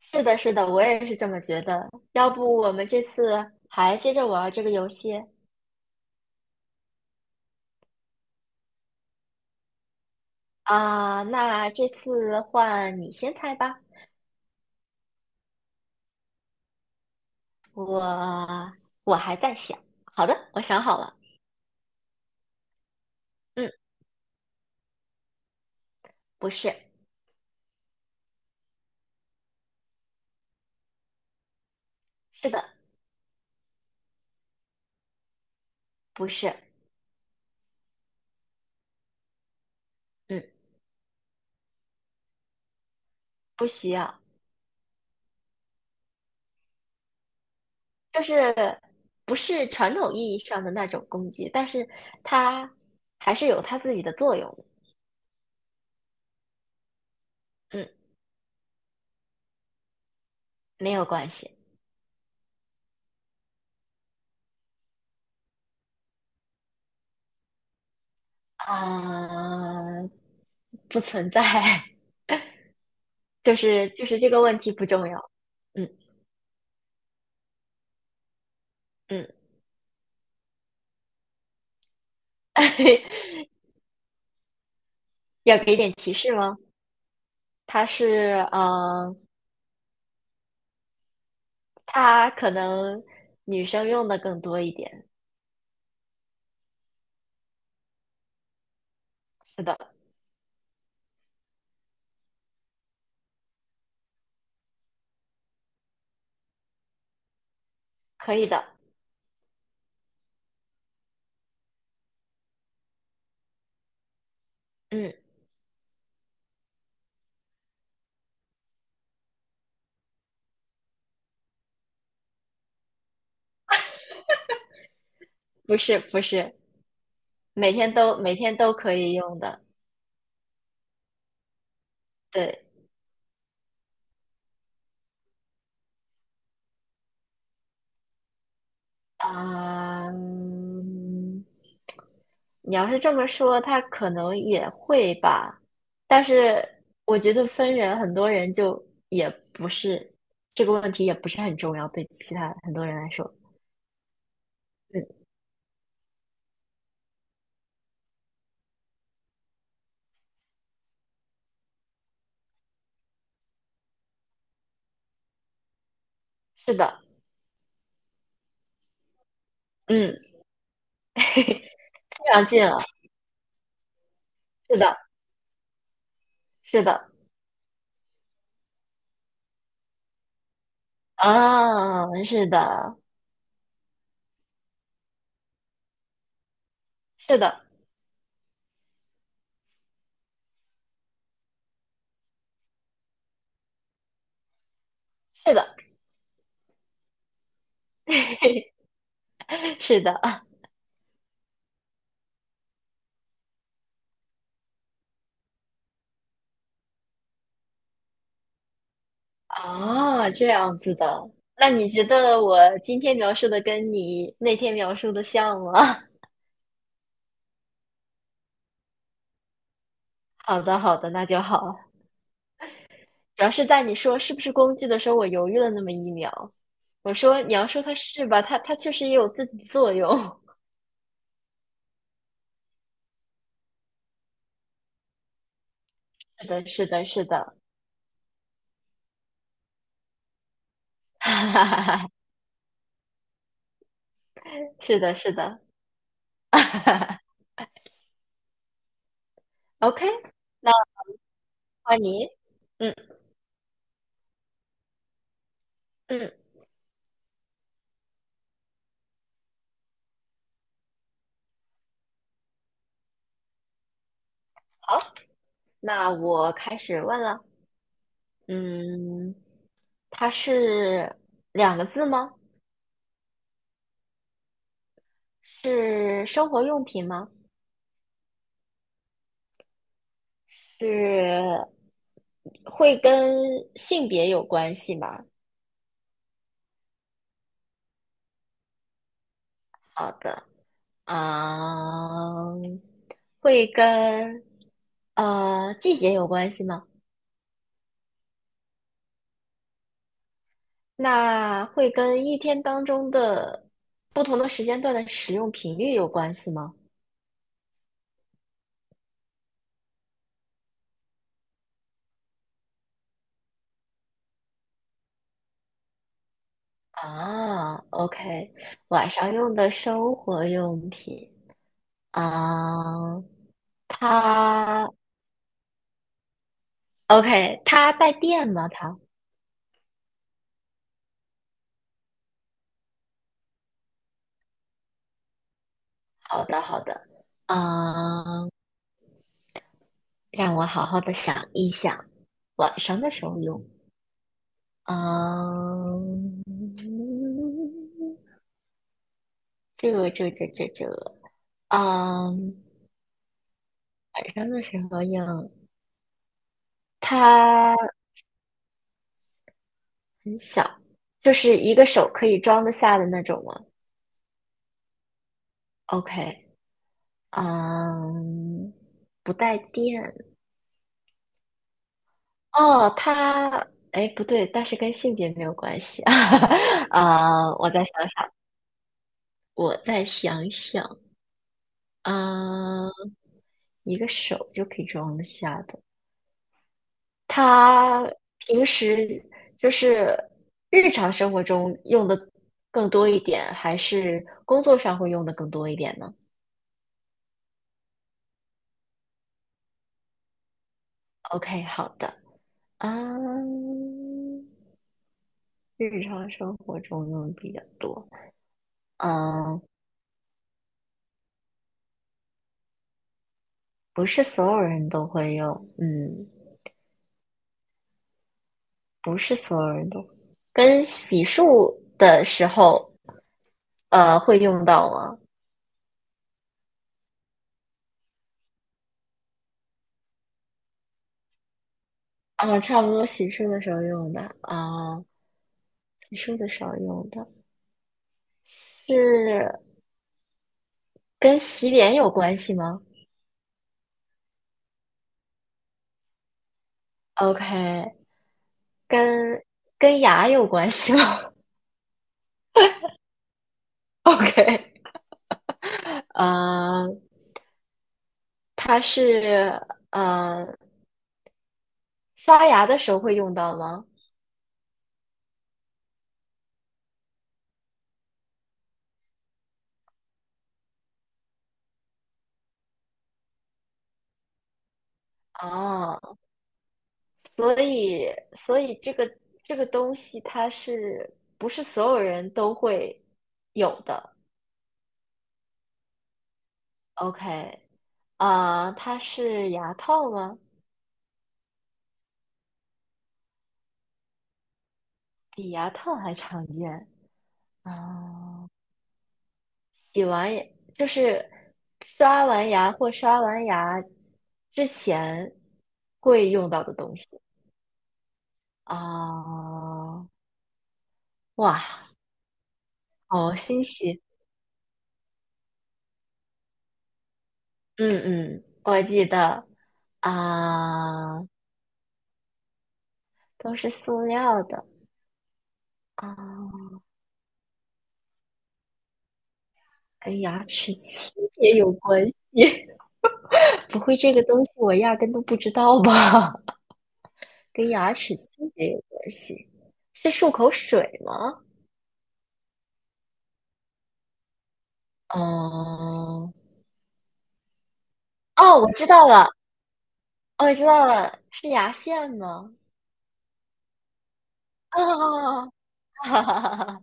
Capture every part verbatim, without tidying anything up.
是的，是的，我也是这么觉得。要不我们这次还接着玩这个游戏啊？那这次换你先猜吧。我我还在想。好的，我想好了。嗯，不是，是的，不是，嗯，不需要，就是不是传统意义上的那种工具，但是它还是有它自己的作用的。嗯，没有关系。啊，不存在。就是就是这个问题不重要，嗯。嗯，要给点提示吗？它是嗯，呃它可能女生用的更多一点，是的，可以的。嗯，不是不是，每天都每天都可以用的，对。嗯，你要是这么说，他可能也会吧，但是我觉得分人，很多人就也不是，这个问题也不是很重要，对其他很多人来说。嗯，是的。嗯，非常近了，是的，是的。啊，是的，是的，是的。是的。啊，这样子的。那你觉得我今天描述的跟你那天描述的像吗？好的，好的，那就好。主要是在你说是不是工具的时候，我犹豫了那么一秒。我说你要说它是吧，它它确实也有自己的作用。是的，是的，是的。哈哈哈哈，是的，是的。OK，那换你。嗯。嗯，好，那我开始问了。嗯，它是两个字吗？是生活用品吗？是会跟性别有关系吗？好的。啊，会跟呃季节有关系吗？那会跟一天当中的不同的时间段的使用频率有关系吗？啊，OK，晚上用的生活用品。啊，它 OK，它带电吗？它好的，好的。啊，让我好好的想一想，晚上的时候用。嗯，这个这个这个这个，嗯，晚上的时候用，它很小，就是一个手可以装得下的那种吗？OK，嗯，不带电。哦，它，哎，不对，但是跟性别没有关系。 啊，我再想想，我再想想，嗯，一个手就可以装得下的。他平时就是日常生活中用的更多一点，还是工作上会用的更多一点呢？OK，好的。啊，日常生活中用的比较多。嗯，不是所有人都会用。嗯，不是所有人都跟洗漱的时候，呃，会用到吗？啊，差不多洗漱的时候用的啊，洗漱的时候用的是。跟洗脸有关系吗？OK，跟跟牙有关系吗？ ？OK，呃，它是呃刷牙的时候会用到吗？哦，所以所以这个这个东西它是不是所有人都会有的？OK，啊，它是牙套吗？比牙套还常见。啊，洗完牙就是刷完牙或刷完牙之前会用到的东西。啊，哇，好新奇！嗯嗯，我记得。啊，都是塑料的。啊，跟牙齿清洁有关系。不会这个东西，我压根都不知道吧？跟牙齿清洁有关系，是漱口水吗？哦、哦，我知道了，哦，我知道了，是牙线吗？啊，哈哈哈哈！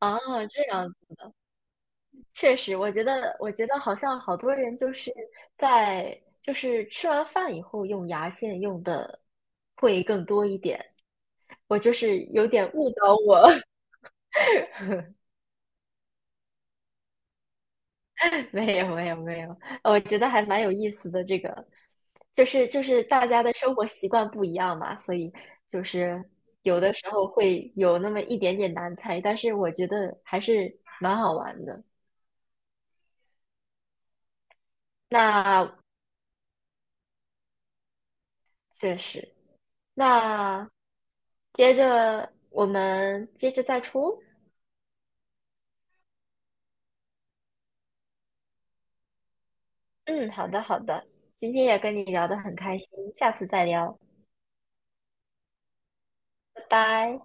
啊，这样确实，我觉得，我觉得好像好多人就是在就是吃完饭以后用牙线用的会更多一点，我就是有点误导我。没有没有没有，我觉得还蛮有意思的。这个就是就是大家的生活习惯不一样嘛，所以就是有的时候会有那么一点点难猜，但是我觉得还是蛮好玩的。那确实，那接着我们接着再出。嗯，好的好的，今天也跟你聊得很开心，下次再聊，拜拜。